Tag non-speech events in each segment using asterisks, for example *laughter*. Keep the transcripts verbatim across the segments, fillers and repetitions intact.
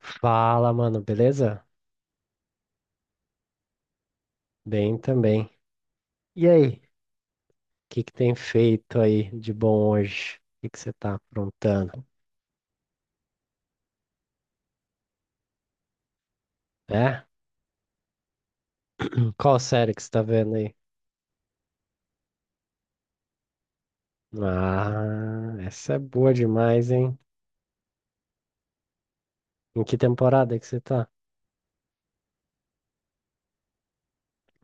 Fala, mano, beleza? Bem também. E aí, o que que tem feito aí de bom hoje? O que que você tá aprontando? É? Qual série que você tá vendo aí? Ah, essa é boa demais, hein? Em que temporada que você tá?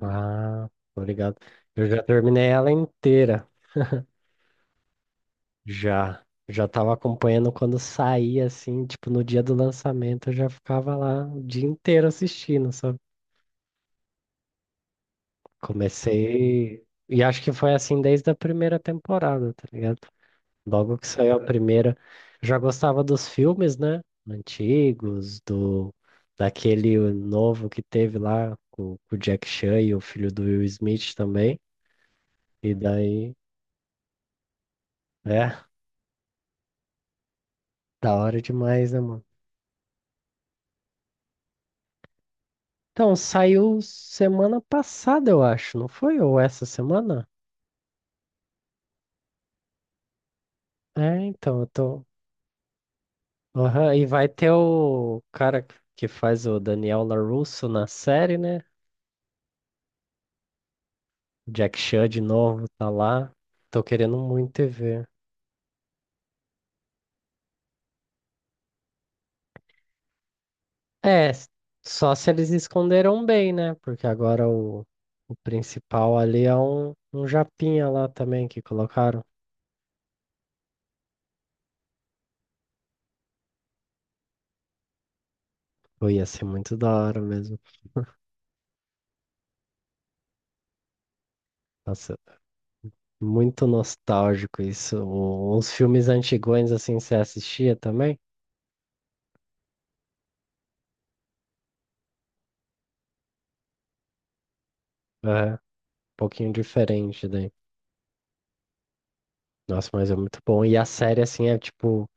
Ah, tô ligado. Eu já terminei ela inteira. Já. Já tava acompanhando quando saía, assim, tipo, no dia do lançamento, eu já ficava lá o dia inteiro assistindo, sabe? Comecei. E acho que foi assim desde a primeira temporada, tá ligado? Logo que saiu a primeira. Já gostava dos filmes, né? Antigos, do daquele novo que teve lá com, com o Jack Chan e o filho do Will Smith também. E daí, é, da hora demais, né, mano? Então, saiu semana passada, eu acho, não foi? Ou essa semana? É, então, eu tô. Aham, e vai ter o cara que faz o Daniel LaRusso na série, né? Jack Chan de novo tá lá. Tô querendo muito ir ver. É, s- só se eles esconderam bem, né? Porque agora o, o principal ali é um, um japinha lá também que colocaram. Pô, ia ser muito da hora mesmo. Nossa, muito nostálgico isso. O- Uns filmes antigões assim você assistia também? É, um pouquinho diferente daí. Nossa, mas é muito bom. E a série, assim, é tipo,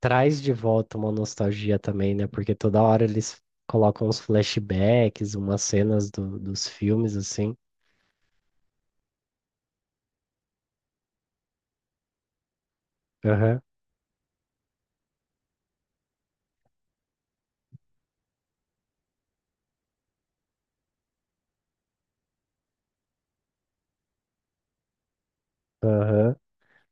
traz de volta uma nostalgia também, né? Porque toda hora eles colocam uns flashbacks, umas cenas do- dos filmes, assim. Aham, aham.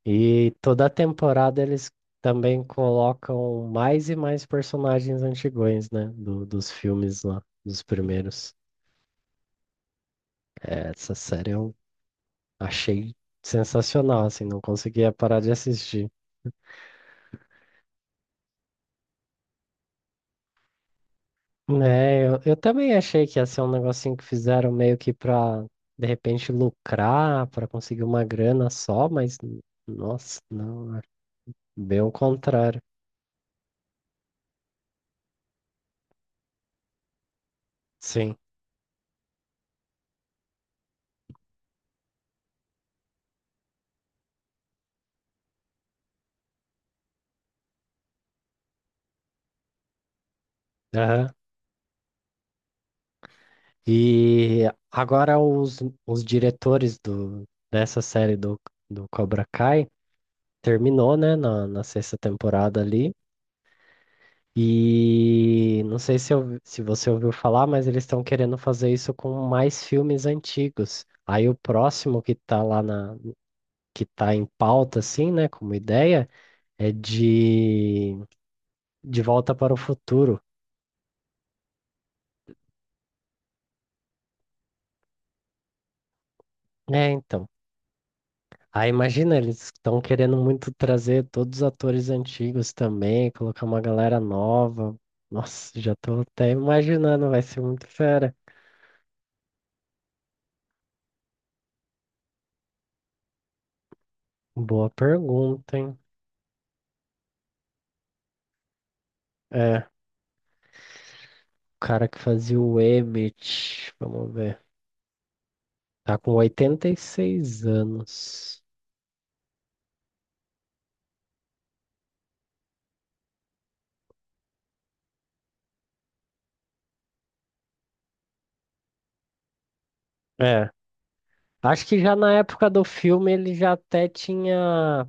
E toda temporada eles também colocam mais e mais personagens antigões, né? Do- dos filmes lá, dos primeiros. É, essa série eu achei sensacional, assim, não conseguia parar de assistir. É, eu, eu também achei que ia ser um negocinho que fizeram meio que pra, de repente, lucrar, pra conseguir uma grana só, mas, n- nossa, não, é bem o contrário. Sim. Aham. E agora os, os diretores do, dessa série do, do Cobra Kai terminou, né, na, na sexta temporada ali. E não sei se, eu, se você ouviu falar, mas eles estão querendo fazer isso com mais filmes antigos. Aí o próximo que tá lá na, que está em pauta, assim, né, como ideia, é de De Volta para o Futuro. É, então. Aí imagina, eles estão querendo muito trazer todos os atores antigos também, colocar uma galera nova. Nossa, já tô até imaginando, vai ser muito fera. Boa pergunta, hein? É, o cara que fazia o Emmett, vamos ver. Tá com oitenta e seis anos. É, acho que já na época do filme ele já até tinha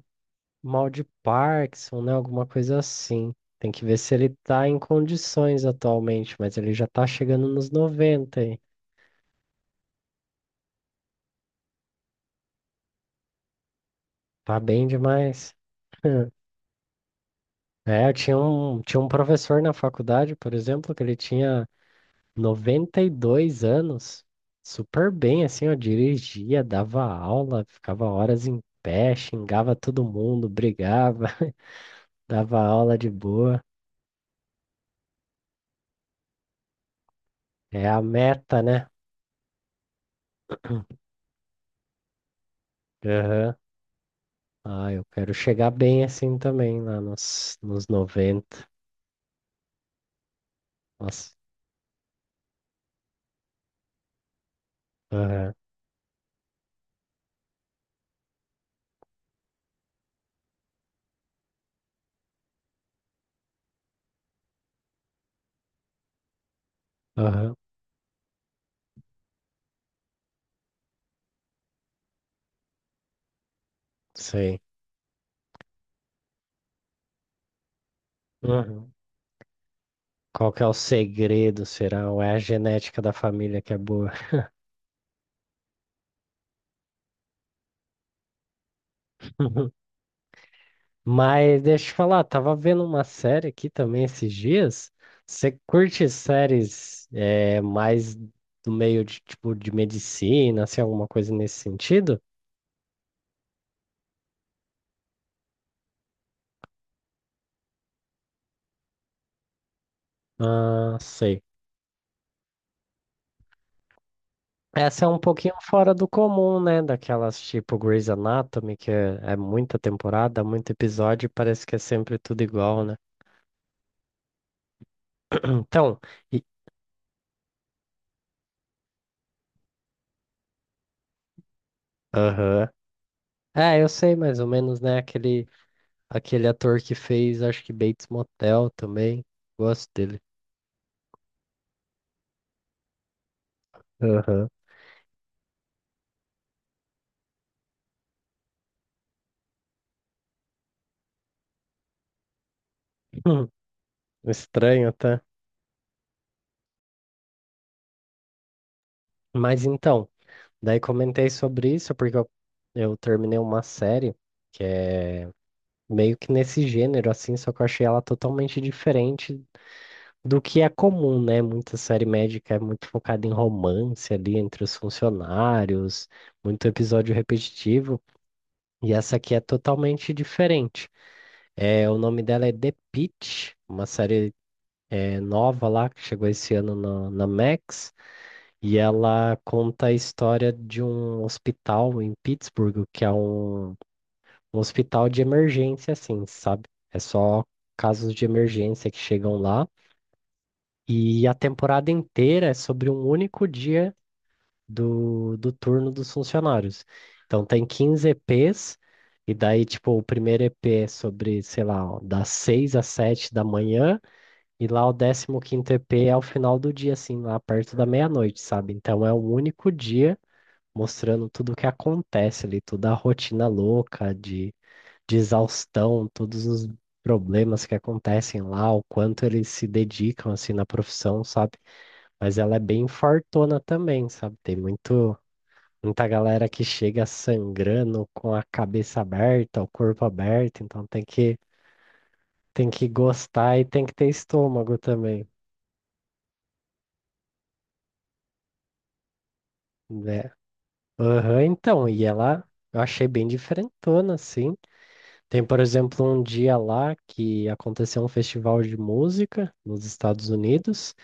mal de Parkinson, né? Alguma coisa assim. Tem que ver se ele tá em condições atualmente, mas ele já tá chegando nos noventa aí. Tá bem demais. *laughs* É, eu tinha um, tinha um professor na faculdade, por exemplo, que ele tinha noventa e dois anos, super bem, assim, ó, dirigia, dava aula, ficava horas em pé, xingava todo mundo, brigava, *laughs* dava aula de boa. É a meta, né? Ah, eu quero chegar bem assim também, lá nos, nos noventa. Nossa, aham, aham, sei. Uhum. Qual que é o segredo, será? Ou é a genética da família que é boa? *laughs* Mas deixa eu te falar, tava vendo uma série aqui também esses dias. Você curte séries eh, mais do meio de tipo de medicina, assim, alguma coisa nesse sentido? Ah, sei. Essa é um pouquinho fora do comum, né? Daquelas tipo Grey's Anatomy, que é, é muita temporada, muito episódio, e parece que é sempre tudo igual, né? *clears throat* Então, e- aham. É, eu sei mais ou menos, né? Aquele, aquele ator que fez, acho que Bates Motel também. Gosto dele. Aham. *clears throat* Hum, estranho, tá? Mas então, daí comentei sobre isso porque eu, eu terminei uma série que é meio que nesse gênero, assim, só que eu achei ela totalmente diferente do que é comum, né? Muita série médica é muito focada em romance ali entre os funcionários, muito episódio repetitivo, e essa aqui é totalmente diferente. É, o nome dela é The Pitt, uma série é, nova lá que chegou esse ano na, na Max, e ela conta a história de um hospital em Pittsburgh, que é um, um hospital de emergência, assim, sabe? É só casos de emergência que chegam lá. E a temporada inteira é sobre um único dia do, do turno dos funcionários. Então tem quinze E Ps, e daí, tipo, o primeiro E P é sobre, sei lá, ó, das seis às sete da manhã, e lá o décimo quinto E P é ao final do dia, assim, lá perto da meia-noite, sabe? Então é um único dia mostrando tudo o que acontece ali, toda a rotina louca de, de exaustão, todos os problemas que acontecem lá, o quanto eles se dedicam, assim, na profissão, sabe? Mas ela é bem fortona também, sabe? Tem muito, muita galera que chega sangrando com a cabeça aberta, o corpo aberto, então tem que, tem que gostar e tem que ter estômago também, né? Aham, então, e ela eu achei bem diferentona, assim. Tem, por exemplo, um dia lá que aconteceu um festival de música nos Estados Unidos.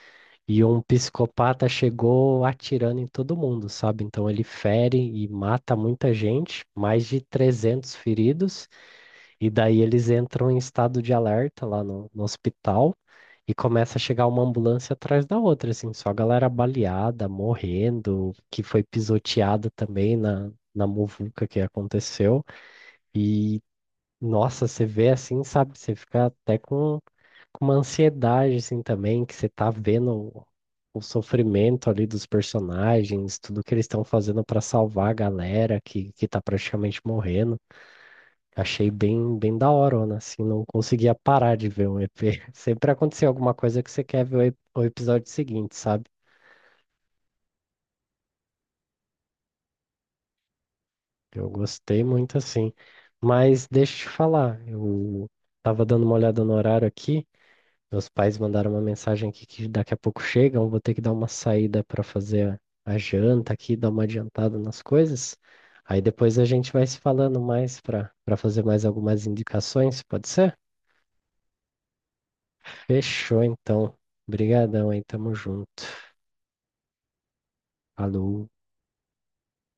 E um psicopata chegou atirando em todo mundo, sabe? Então ele fere e mata muita gente, mais de trezentos feridos, e daí eles entram em estado de alerta lá no, no hospital e começa a chegar uma ambulância atrás da outra, assim, só a galera baleada, morrendo, que foi pisoteada também na, na muvuca que aconteceu. E nossa, você vê assim, sabe? Você fica até com, com uma ansiedade, assim, também, que você tá vendo o, o sofrimento ali dos personagens, tudo que eles estão fazendo pra salvar a galera que, que tá praticamente morrendo. Achei bem, bem da hora, né? Assim, não conseguia parar de ver um E P. *laughs* Sempre acontecia alguma coisa que você quer ver o, ep- o episódio seguinte, sabe? Eu gostei muito, assim. Mas deixa eu te falar, eu tava dando uma olhada no horário aqui. Meus pais mandaram uma mensagem aqui que daqui a pouco chegam, eu vou ter que dar uma saída para fazer a, a janta aqui, dar uma adiantada nas coisas. Aí depois a gente vai se falando mais para para fazer mais algumas indicações, pode ser? Fechou então. Obrigadão aí, tamo junto. Falou.